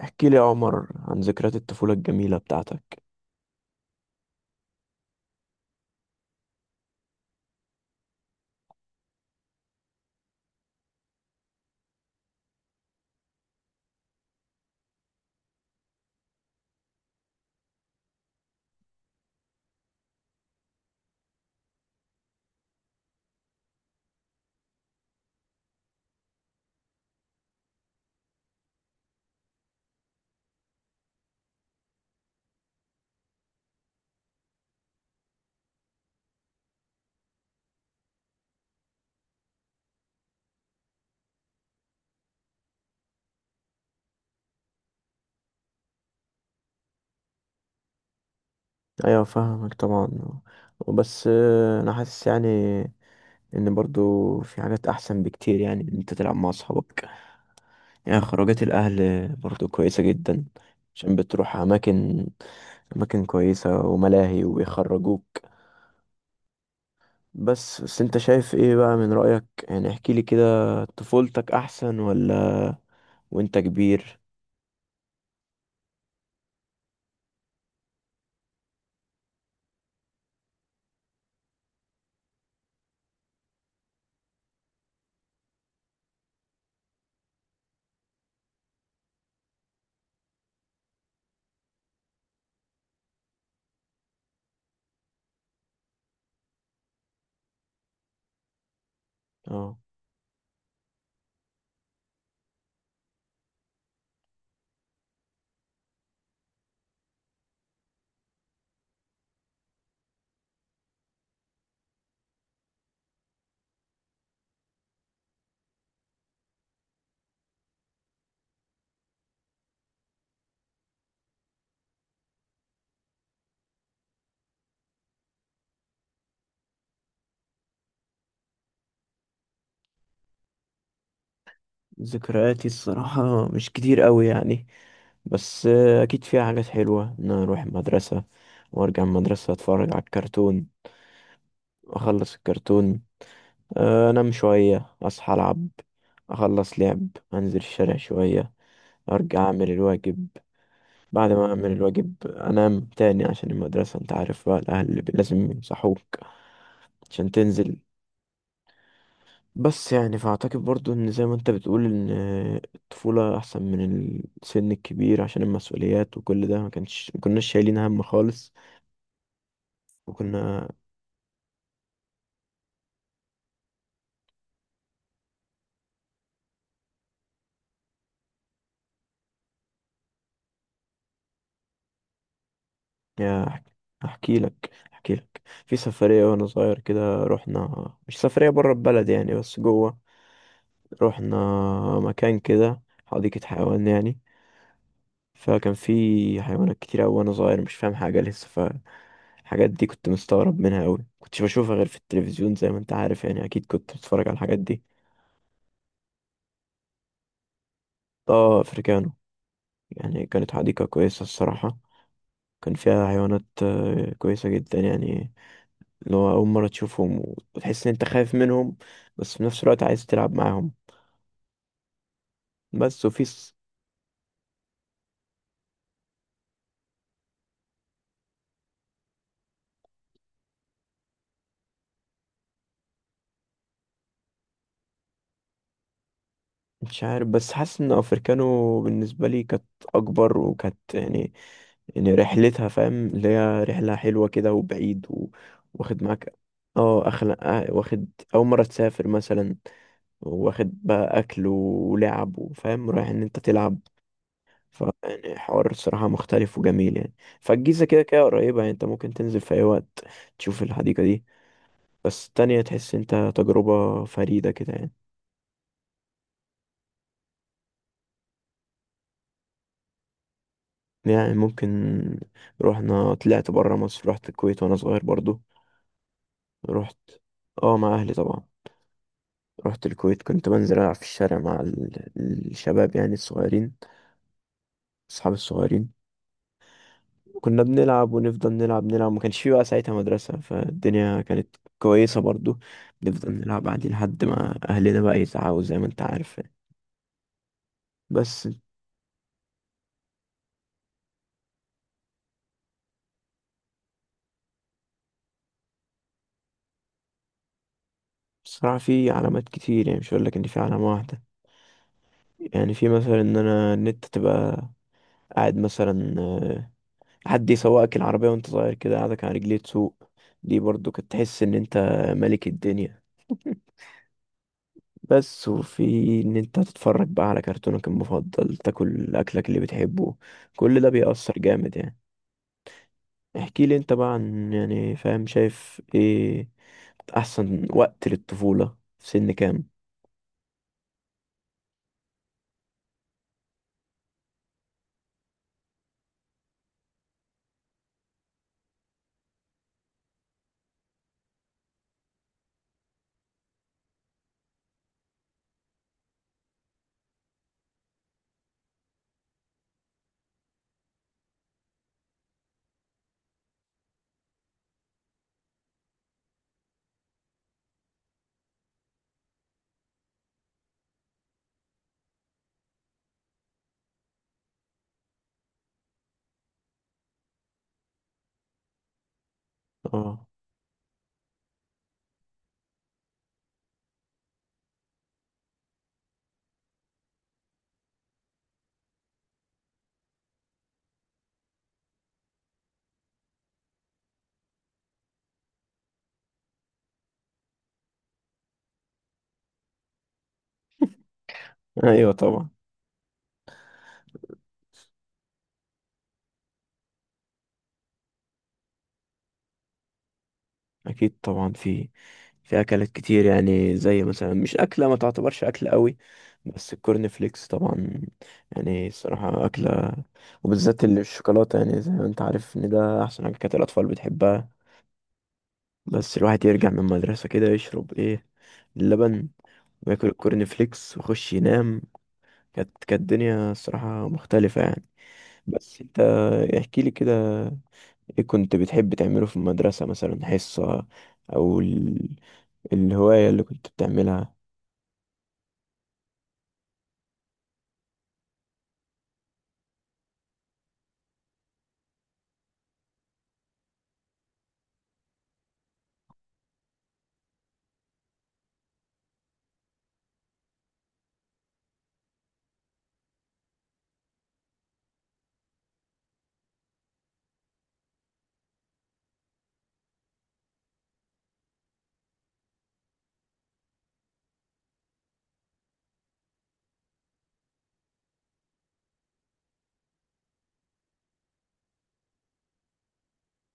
احكي لي يا عمر عن ذكريات الطفولة الجميلة بتاعتك. ايوه فاهمك طبعا. بس انا حاسس يعني ان برضو في حاجات احسن بكتير، يعني ان انت تلعب مع اصحابك. يعني خروجات الاهل برضو كويسة جدا، عشان بتروح اماكن كويسة وملاهي ويخرجوك. بس انت شايف ايه بقى من رأيك؟ يعني احكي لي كده، طفولتك احسن ولا وانت كبير؟ اه، ذكرياتي الصراحة مش كتير قوي يعني. بس أكيد فيها حاجات حلوة، إن أنا أروح المدرسة وأرجع من المدرسة أتفرج على الكرتون، أخلص الكرتون، أنام شوية أصحى ألعب، أخلص لعب، أنزل الشارع شوية، أرجع أعمل الواجب. بعد ما أعمل الواجب أنام تاني عشان المدرسة، أنت عارف بقى الأهل لازم يصحوك عشان تنزل. بس يعني فأعتقد برضو إن زي ما أنت بتقول، إن الطفولة أحسن من السن الكبير، عشان المسؤوليات وكل ده ما كانش، ما كناش شايلين هم خالص. وكنا يا أحكي لك، في سفرية وأنا صغير كده رحنا، مش سفرية برا البلد يعني بس جوه. رحنا مكان كده حديقة حيوان يعني، فكان في حيوانات كتير أوي، وأنا صغير مش فاهم حاجة لسه. ف الحاجات دي كنت مستغرب منها أوي، كنتش بشوفها غير في التلفزيون، زي ما أنت عارف يعني، أكيد كنت بتتفرج على الحاجات دي. اه أفريكانو، يعني كانت حديقة كويسة الصراحة. كان فيها حيوانات كويسة جدا يعني، اللي هو أول مرة تشوفهم وتحس إن أنت خايف منهم، بس في نفس الوقت عايز تلعب معاهم. بس وفي س- مش عارف، بس حاسس إن أفريكانو بالنسبة لي كانت أكبر، وكانت يعني، يعني رحلتها فاهم، اللي هي رحلة حلوة كده وبعيد و... واخد معاك. اه أخلا واخد، أول مرة تسافر مثلا، واخد بقى أكل ولعب وفاهم رايح إن أنت تلعب. ف يعني حوار الصراحة مختلف وجميل يعني. فالجيزة كده كده قريبة يعني، أنت ممكن تنزل في أي وقت تشوف الحديقة دي. بس التانية تحس أنت تجربة فريدة كده يعني. يعني ممكن، رحنا طلعت برا مصر، رحت الكويت وأنا صغير برضو. رحت، اه مع أهلي طبعا. رحت الكويت، كنت بنزل ألعب في الشارع مع الشباب يعني الصغيرين، أصحاب الصغيرين. كنا بنلعب، ونفضل نلعب نلعب، ما كانش في بقى ساعتها مدرسة، فالدنيا كانت كويسة برضو. نفضل نلعب عادي لحد ما أهلنا بقى يزعقوا، زي ما أنت عارف يعني. بس بصراحة في علامات كتير يعني، مش هقول لك إن في علامة واحدة. يعني في مثلا إن أنا، إن أنت تبقى قاعد مثلا، حد يسوقك العربية وأنت صغير كده، قاعدك على رجليه تسوق. دي برضو كنت تحس إن أنت ملك الدنيا. بس وفي ان انت تتفرج بقى على كرتونك المفضل، تاكل اكلك اللي بتحبه. كل ده بيأثر جامد يعني. احكي لي انت بقى، عن يعني فاهم شايف ايه احسن وقت للطفولة، في سن كام؟ اه ايوه طبعا. اكيد طبعا، في في اكلات كتير يعني، زي مثلا مش اكله، ما تعتبرش اكل قوي. بس الكورن فليكس طبعا، يعني الصراحه اكله، وبالذات اللي بالشوكولاته. يعني زي ما انت عارف ان ده احسن حاجه كانت الاطفال بتحبها. بس الواحد يرجع من المدرسة كده يشرب ايه، اللبن، وياكل الكورن فليكس ويخش ينام. كانت الدنيا الصراحة مختلفة يعني. بس انت احكي لي كده، ايه كنت بتحب تعمله في المدرسة، مثلا حصة او ال... الهواية اللي كنت بتعملها؟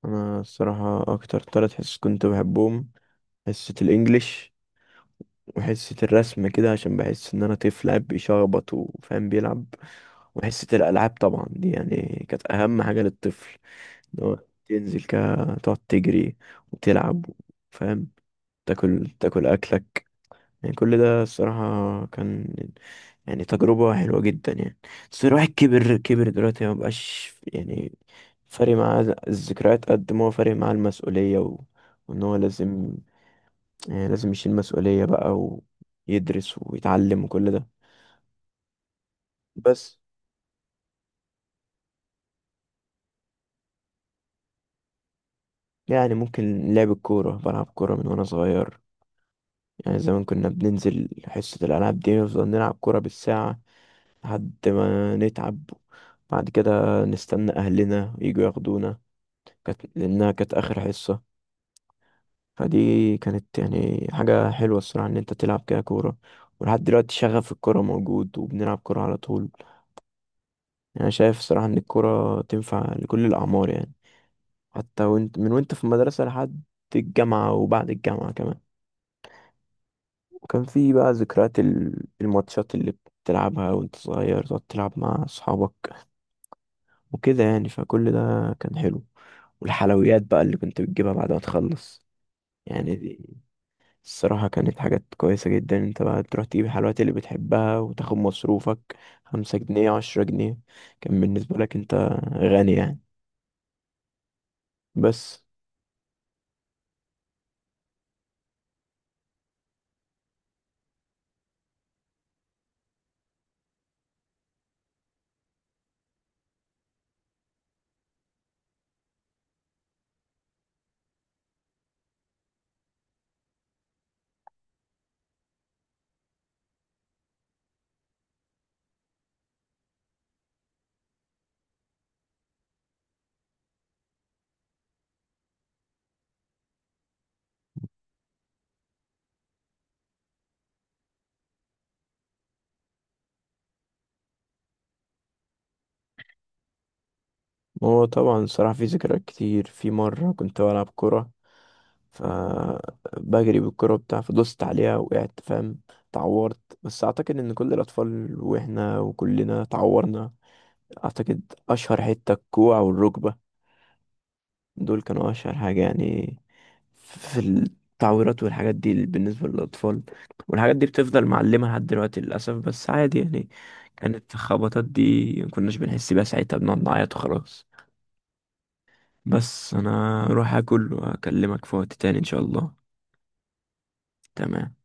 انا الصراحة اكتر 3 حصص كنت بحبهم، حصة الانجليش، وحصة الرسم كده، عشان بحس إن أنا طفل قاعد بيشخبط وفاهم بيلعب، وحصة الألعاب طبعا. دي يعني كانت أهم حاجة للطفل، إن هو تنزل كده تقعد تجري وتلعب فاهم، تاكل أكلك. يعني كل ده الصراحة كان يعني تجربة حلوة جدا يعني. بس الواحد كبر، كبر دلوقتي ما بقاش يعني فارق معاه الذكريات قد ما هو فارق معاه المسؤولية و... وإن هو لازم، يعني لازم يشيل مسؤولية بقى، ويدرس ويتعلم وكل ده. بس يعني ممكن لعب الكورة، بلعب كورة من وأنا صغير. يعني زمان كنا بننزل حصة الألعاب دي نفضل نلعب كورة بالساعة لحد ما نتعب، بعد كده نستنى أهلنا يجوا ياخدونا. كانت، لأنها كانت آخر حصة. فدي كانت يعني حاجة حلوة الصراحة، إن أنت تلعب كده كورة. ولحد دلوقتي شغف الكورة موجود، وبنلعب كورة على طول. يعني شايف صراحة إن الكورة تنفع لكل الأعمار يعني، حتى وانت من وانت في المدرسة لحد الجامعة، وبعد الجامعة كمان. وكان في بقى ذكريات الماتشات اللي بتلعبها وانت صغير، تقعد تلعب مع أصحابك وكده يعني. فكل ده كان حلو. والحلويات بقى اللي كنت بتجيبها بعد ما تخلص يعني، دي الصراحة كانت حاجات كويسة جدا. انت بقى تروح تجيب الحلويات اللي بتحبها، وتاخد مصروفك 5 جنيه 10 جنيه، كان بالنسبة لك انت غني يعني. بس هو طبعا الصراحة في ذكريات كتير. في مرة كنت بلعب كورة، فبجري بالكرة بتاع، فدوست عليها وقعدت فاهم، اتعورت. بس اعتقد ان كل الاطفال، واحنا وكلنا اتعورنا. اعتقد اشهر حتة الكوع والركبة، دول كانوا اشهر حاجة يعني في التعويرات والحاجات دي بالنسبة للاطفال. والحاجات دي بتفضل معلمة لحد دلوقتي للاسف، بس عادي يعني. كانت الخبطات دي مكناش بنحس بيها ساعتها، بنقعد نعيط وخلاص. بس انا اروح اكل واكلمك في وقت تاني ان شاء الله. تمام.